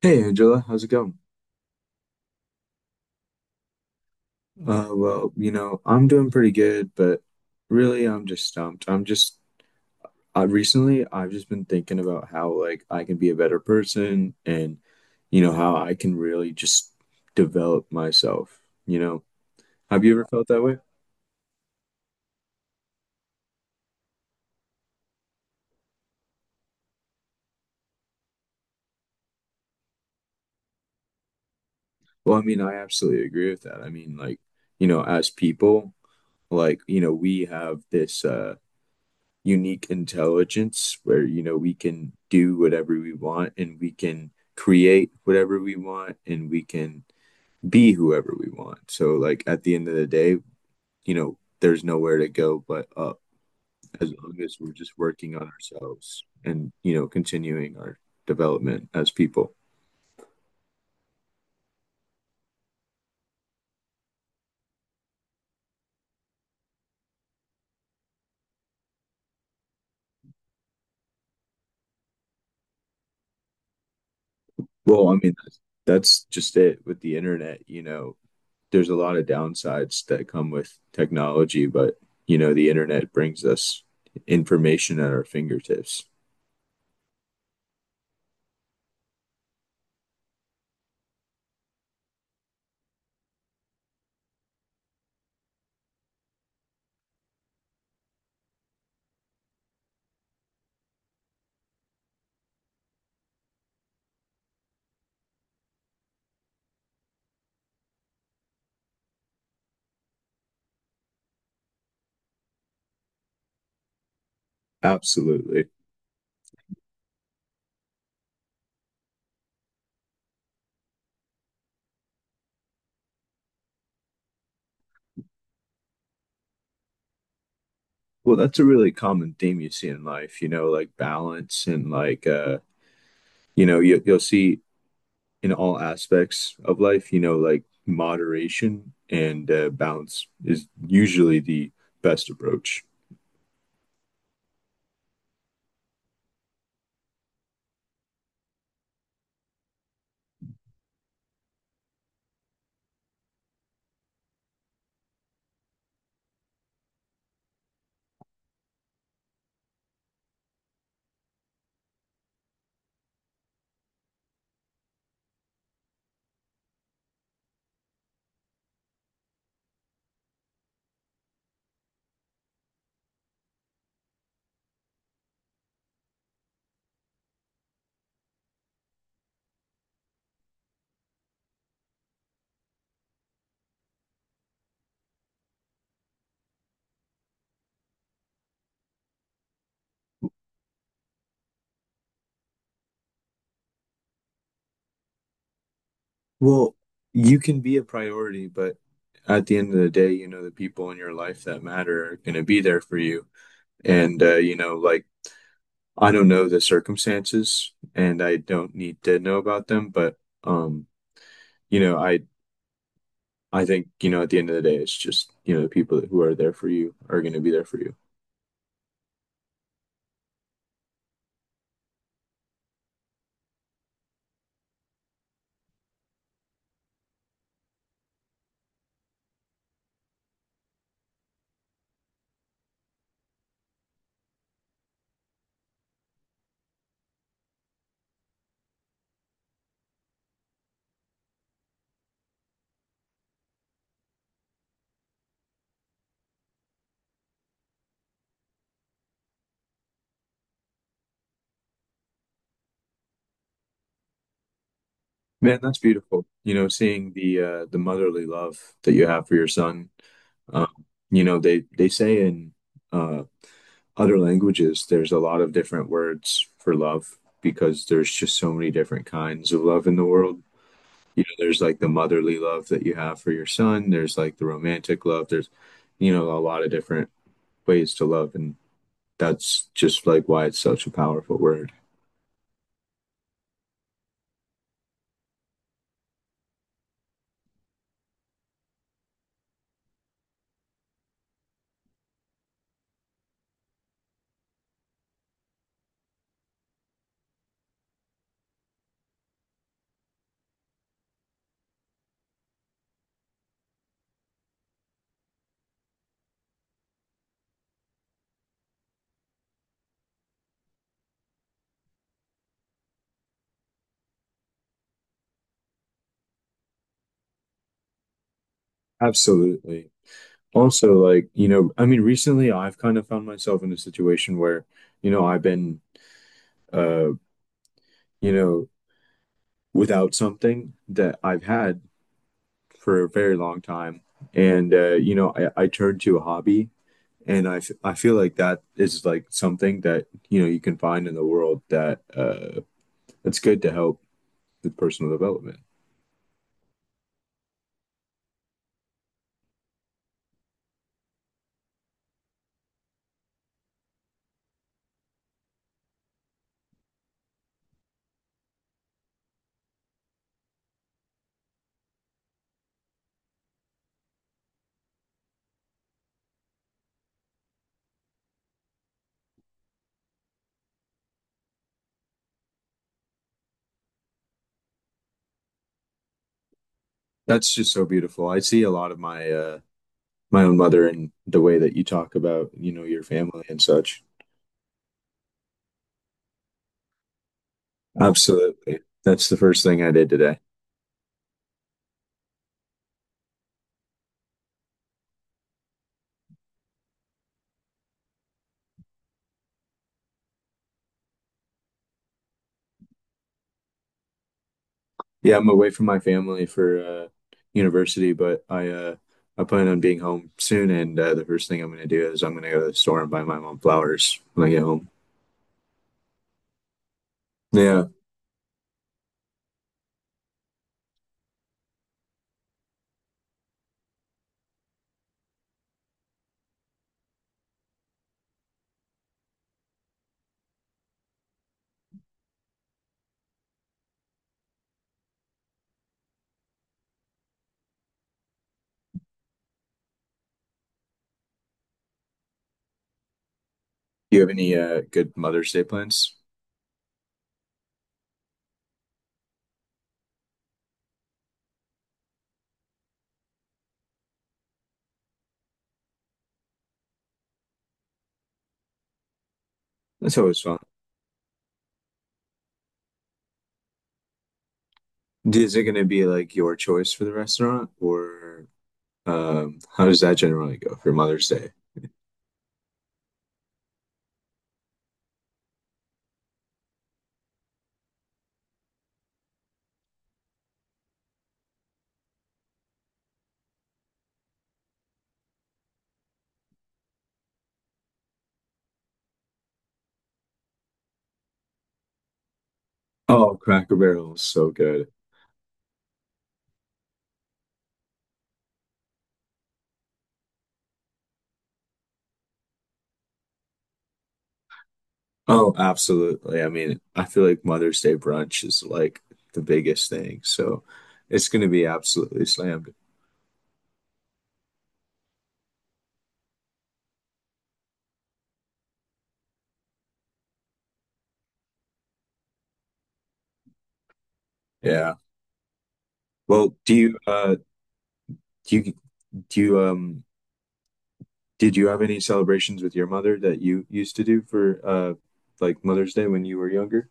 Hey Angela, how's it going? Well, you know, I'm doing pretty good, but really I'm just stumped. I recently I've just been thinking about how, like, I can be a better person, and you know how I can really just develop myself, you know. Have you ever felt that way? Well, I mean, I absolutely agree with that. I mean, like, you know, as people, like, you know, we have this unique intelligence, where, you know, we can do whatever we want, and we can create whatever we want, and we can be whoever we want. So, like, at the end of the day, you know, there's nowhere to go but up, as long as we're just working on ourselves and, you know, continuing our development as people. Well, I mean, that's just it with the internet. You know, there's a lot of downsides that come with technology, but, you know, the internet brings us information at our fingertips. Absolutely. Well, that's a really common theme you see in life, you know, like balance, and like, you know, you'll see in all aspects of life, you know, like moderation, and, balance is usually the best approach. Well, you can be a priority, but at the end of the day, you know, the people in your life that matter are going to be there for you. And, you know, like, I don't know the circumstances and I don't need to know about them, but, um, you know, I think, you know, at the end of the day, it's just, you know, the people who are there for you are going to be there for you. Man, that's beautiful. You know, seeing the motherly love that you have for your son. Um, you know, they say in uh other languages there's a lot of different words for love, because there's just so many different kinds of love in the world. You know, there's like the motherly love that you have for your son, there's like the romantic love, there's, you know, a lot of different ways to love, and that's just like why it's such a powerful word. Absolutely. Also, like, you know, I mean, recently I've kind of found myself in a situation where, you know, I've been, uh you know, without something that I've had for a very long time. And, you know, I turned to a hobby, and I feel like that is like something that, you know, you can find in the world that that's good to help with personal development. That's just so beautiful. I see a lot of my own mother and the way that you talk about, you know, your family and such. Absolutely. That's the first thing I did today. Yeah, I'm away from my family for university, but I plan on being home soon, and, the first thing I'm going to do is I'm going to go to the store and buy my mom flowers when I get home. Yeah. Do you have any good Mother's Day plans? That's always fun. Is it going to be like your choice for the restaurant, or, how does that generally go for Mother's Day? Oh, Cracker Barrel is so good. Oh, absolutely. I mean, I feel like Mother's Day brunch is like the biggest thing, so it's going to be absolutely slammed. Yeah. Well, do you do you do you um did you have any celebrations with your mother that you used to do for like Mother's Day when you were younger?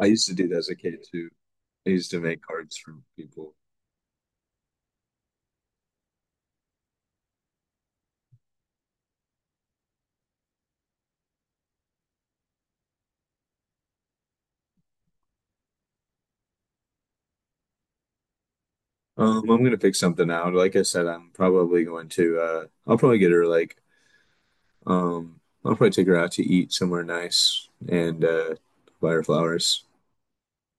I used to do that as a kid too. I used to make cards for people. I'm gonna pick something out. Like I said, I'm probably going to I'll probably get her like I'll probably take her out to eat somewhere nice, and buy her flowers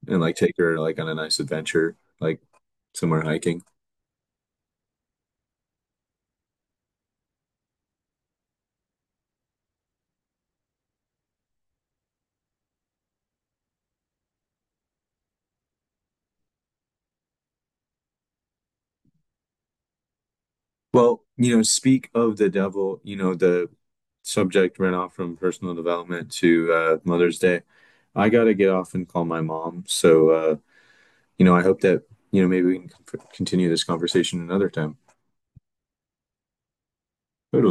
and, like, take her, like, on a nice adventure, like somewhere hiking. Well, you know, speak of the devil, you know, the subject ran off from personal development to Mother's Day. I gotta get off and call my mom. So, you know, I hope that, you know, maybe we can continue this conversation another time. Totally.